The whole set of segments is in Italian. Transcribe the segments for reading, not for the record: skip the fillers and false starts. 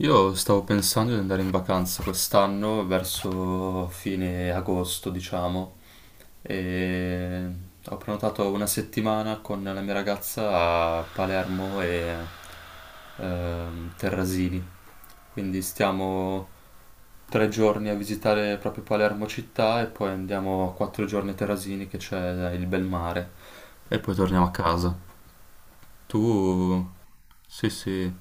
Io stavo pensando di andare in vacanza quest'anno verso fine agosto, diciamo, e ho prenotato una settimana con la mia ragazza a Palermo e Terrasini. Quindi stiamo 3 giorni a visitare proprio Palermo città e poi andiamo 4 giorni a Terrasini che c'è il bel mare e poi torniamo a casa. Tu? Sì, sì.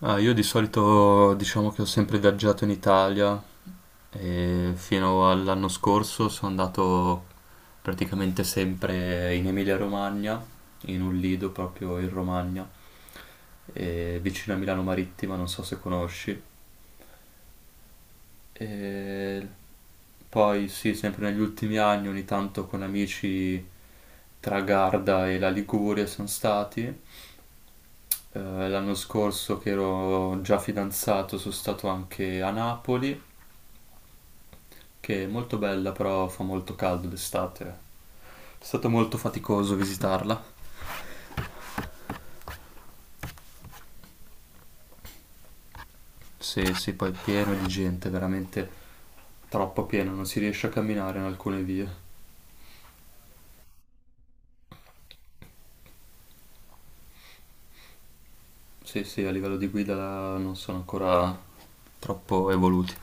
Ah, io di solito diciamo che ho sempre viaggiato in Italia e fino all'anno scorso sono andato praticamente sempre in Emilia-Romagna, in un lido proprio in Romagna, e vicino a Milano Marittima, non so se conosci. E poi sì, sempre negli ultimi anni ogni tanto con amici tra Garda e la Liguria sono stati. Eh, l'anno scorso che ero già fidanzato sono stato anche a Napoli, che è molto bella, però fa molto caldo d'estate. È stato molto faticoso visitarla. Sì, sì, poi è pieno di gente, veramente troppo pieno, non si riesce a camminare in alcune vie. Sì, sì, a livello di guida non sono ancora troppo evoluti.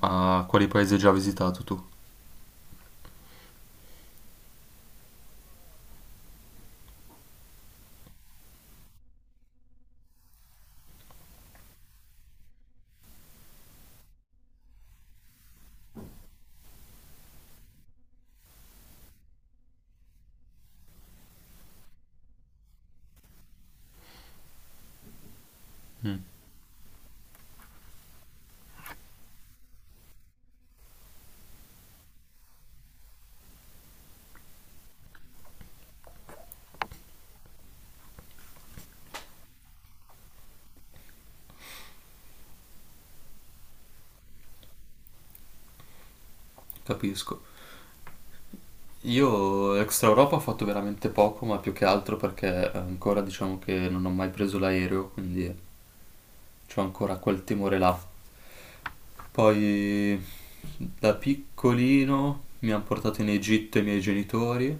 Ma quali paesi hai già visitato tu? Mm, capisco. Io extra Europa ho fatto veramente poco, ma più che altro perché ancora diciamo che non ho mai preso l'aereo, quindi ho ancora quel timore là. Poi da piccolino mi hanno portato in Egitto i miei genitori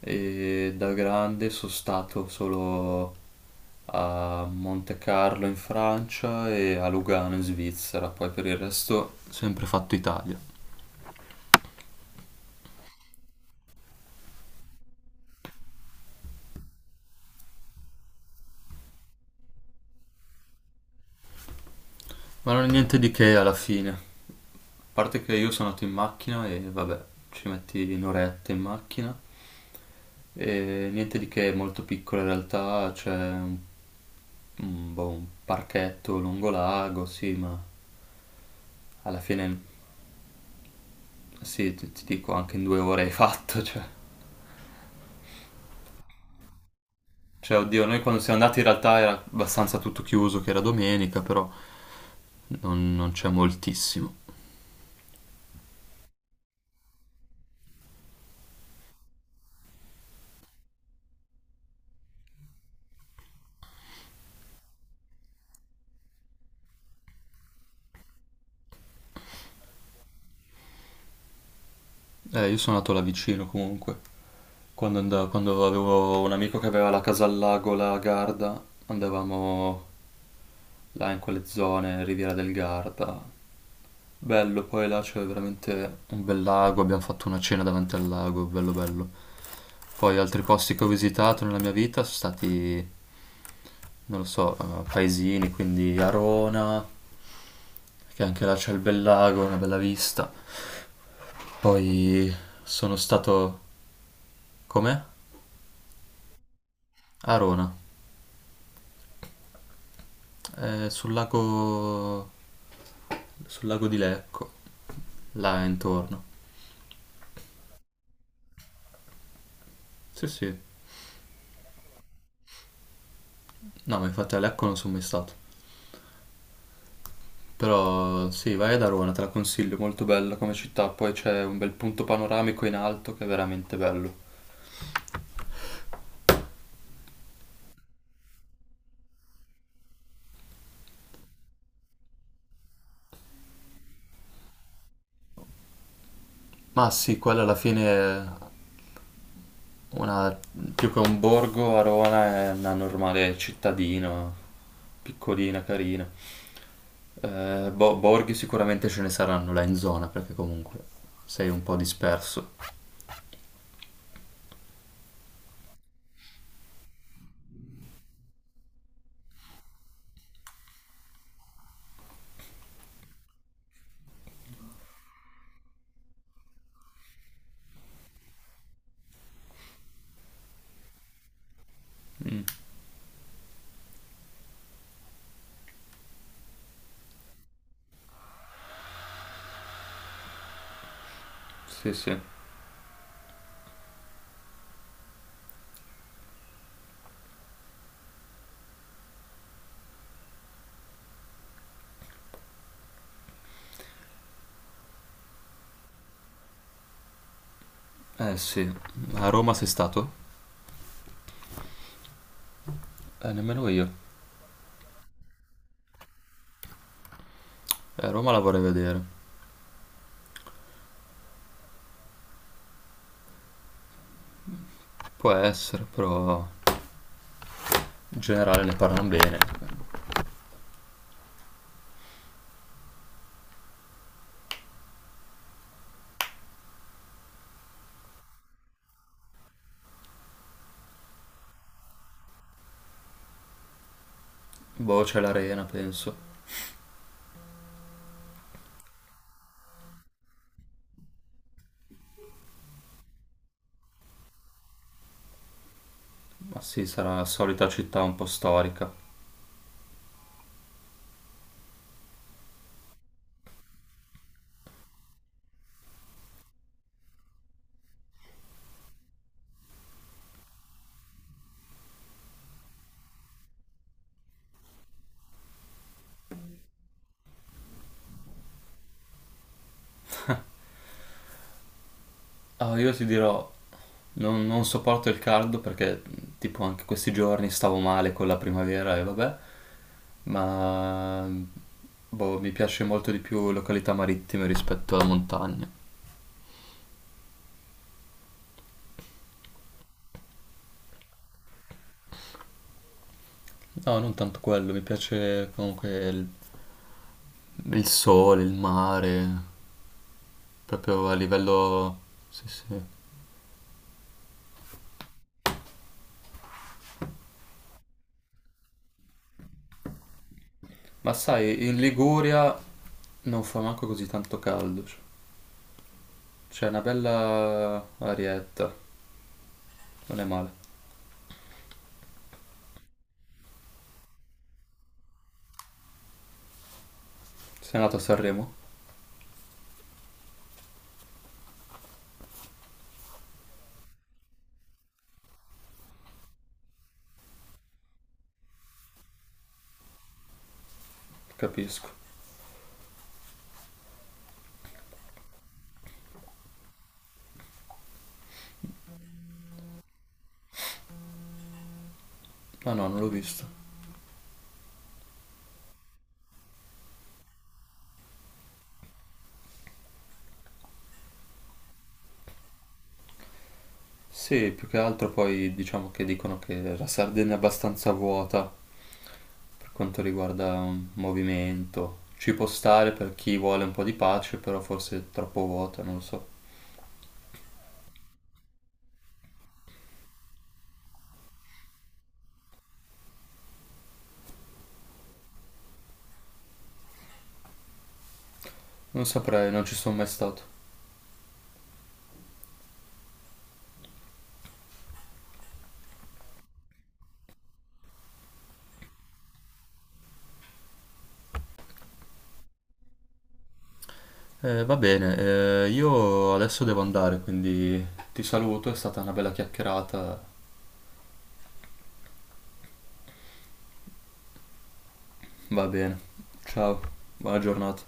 e da grande sono stato solo a Monte Carlo in Francia e a Lugano in Svizzera, poi per il resto sempre fatto Italia. Ma non è niente di che alla fine. A parte che io sono andato in macchina e vabbè, ci metti un'oretta in macchina. E niente di che, è molto piccola in realtà, c'è un boh, un parchetto lungo lago, sì, ma alla fine sì, ti dico anche in 2 ore hai fatto, cioè. Cioè, oddio, noi quando siamo andati in realtà era abbastanza tutto chiuso, che era domenica, però non c'è moltissimo. Io sono andato là vicino comunque. Quando, andavo, quando avevo un amico che aveva la casa al lago, la Garda, andavamo là in quelle zone, Riviera del Garda. Bello, poi là c'è veramente un bel lago, abbiamo fatto una cena davanti al lago, bello bello. Poi altri posti che ho visitato nella mia vita sono stati, non lo so, paesini, quindi Arona, che anche là c'è il bel lago, una bella vista. Poi sono stato... Com'è? Arona. Eh, sul lago... sul lago di Lecco, là intorno. Sì, sì. No, ma infatti a Lecco non sono mai stato. Però sì, vai ad Arona, te la consiglio, è molto bella come città. Poi c'è un bel punto panoramico in alto che è veramente bello. Ma sì, quella alla fine è una... più che un borgo, Arona è una normale cittadina, piccolina, carina. Borghi sicuramente ce ne saranno là in zona, perché comunque sei un po' disperso. Sì, sì. Eh sì, a Roma sei stato? Nemmeno io. Roma la vorrei vedere. Può essere, però in generale ne parlano bene. Boh, c'è l'arena, penso. Ma sì, sarà la solita città un po' storica. Ah, io ti dirò, non sopporto il caldo perché tipo anche questi giorni stavo male con la primavera e vabbè, ma boh, mi piace molto di più località marittime rispetto alla montagna. No, non tanto quello, mi piace comunque il sole, il mare, proprio a livello... Sì, sì. Ma sai, in Liguria non fa manco così tanto caldo. Cioè. C'è una bella arietta, non è male. Sei andato a Sanremo? Capisco. Ma no, non l'ho visto. Sì, più che altro poi diciamo che dicono che la Sardegna è abbastanza vuota per quanto riguarda movimento. Ci può stare per chi vuole un po' di pace, però forse è troppo vuota, non lo so. Non saprei, non ci sono mai stato. Va bene, io adesso devo andare, quindi ti saluto, è stata una bella chiacchierata. Va bene, ciao, buona giornata.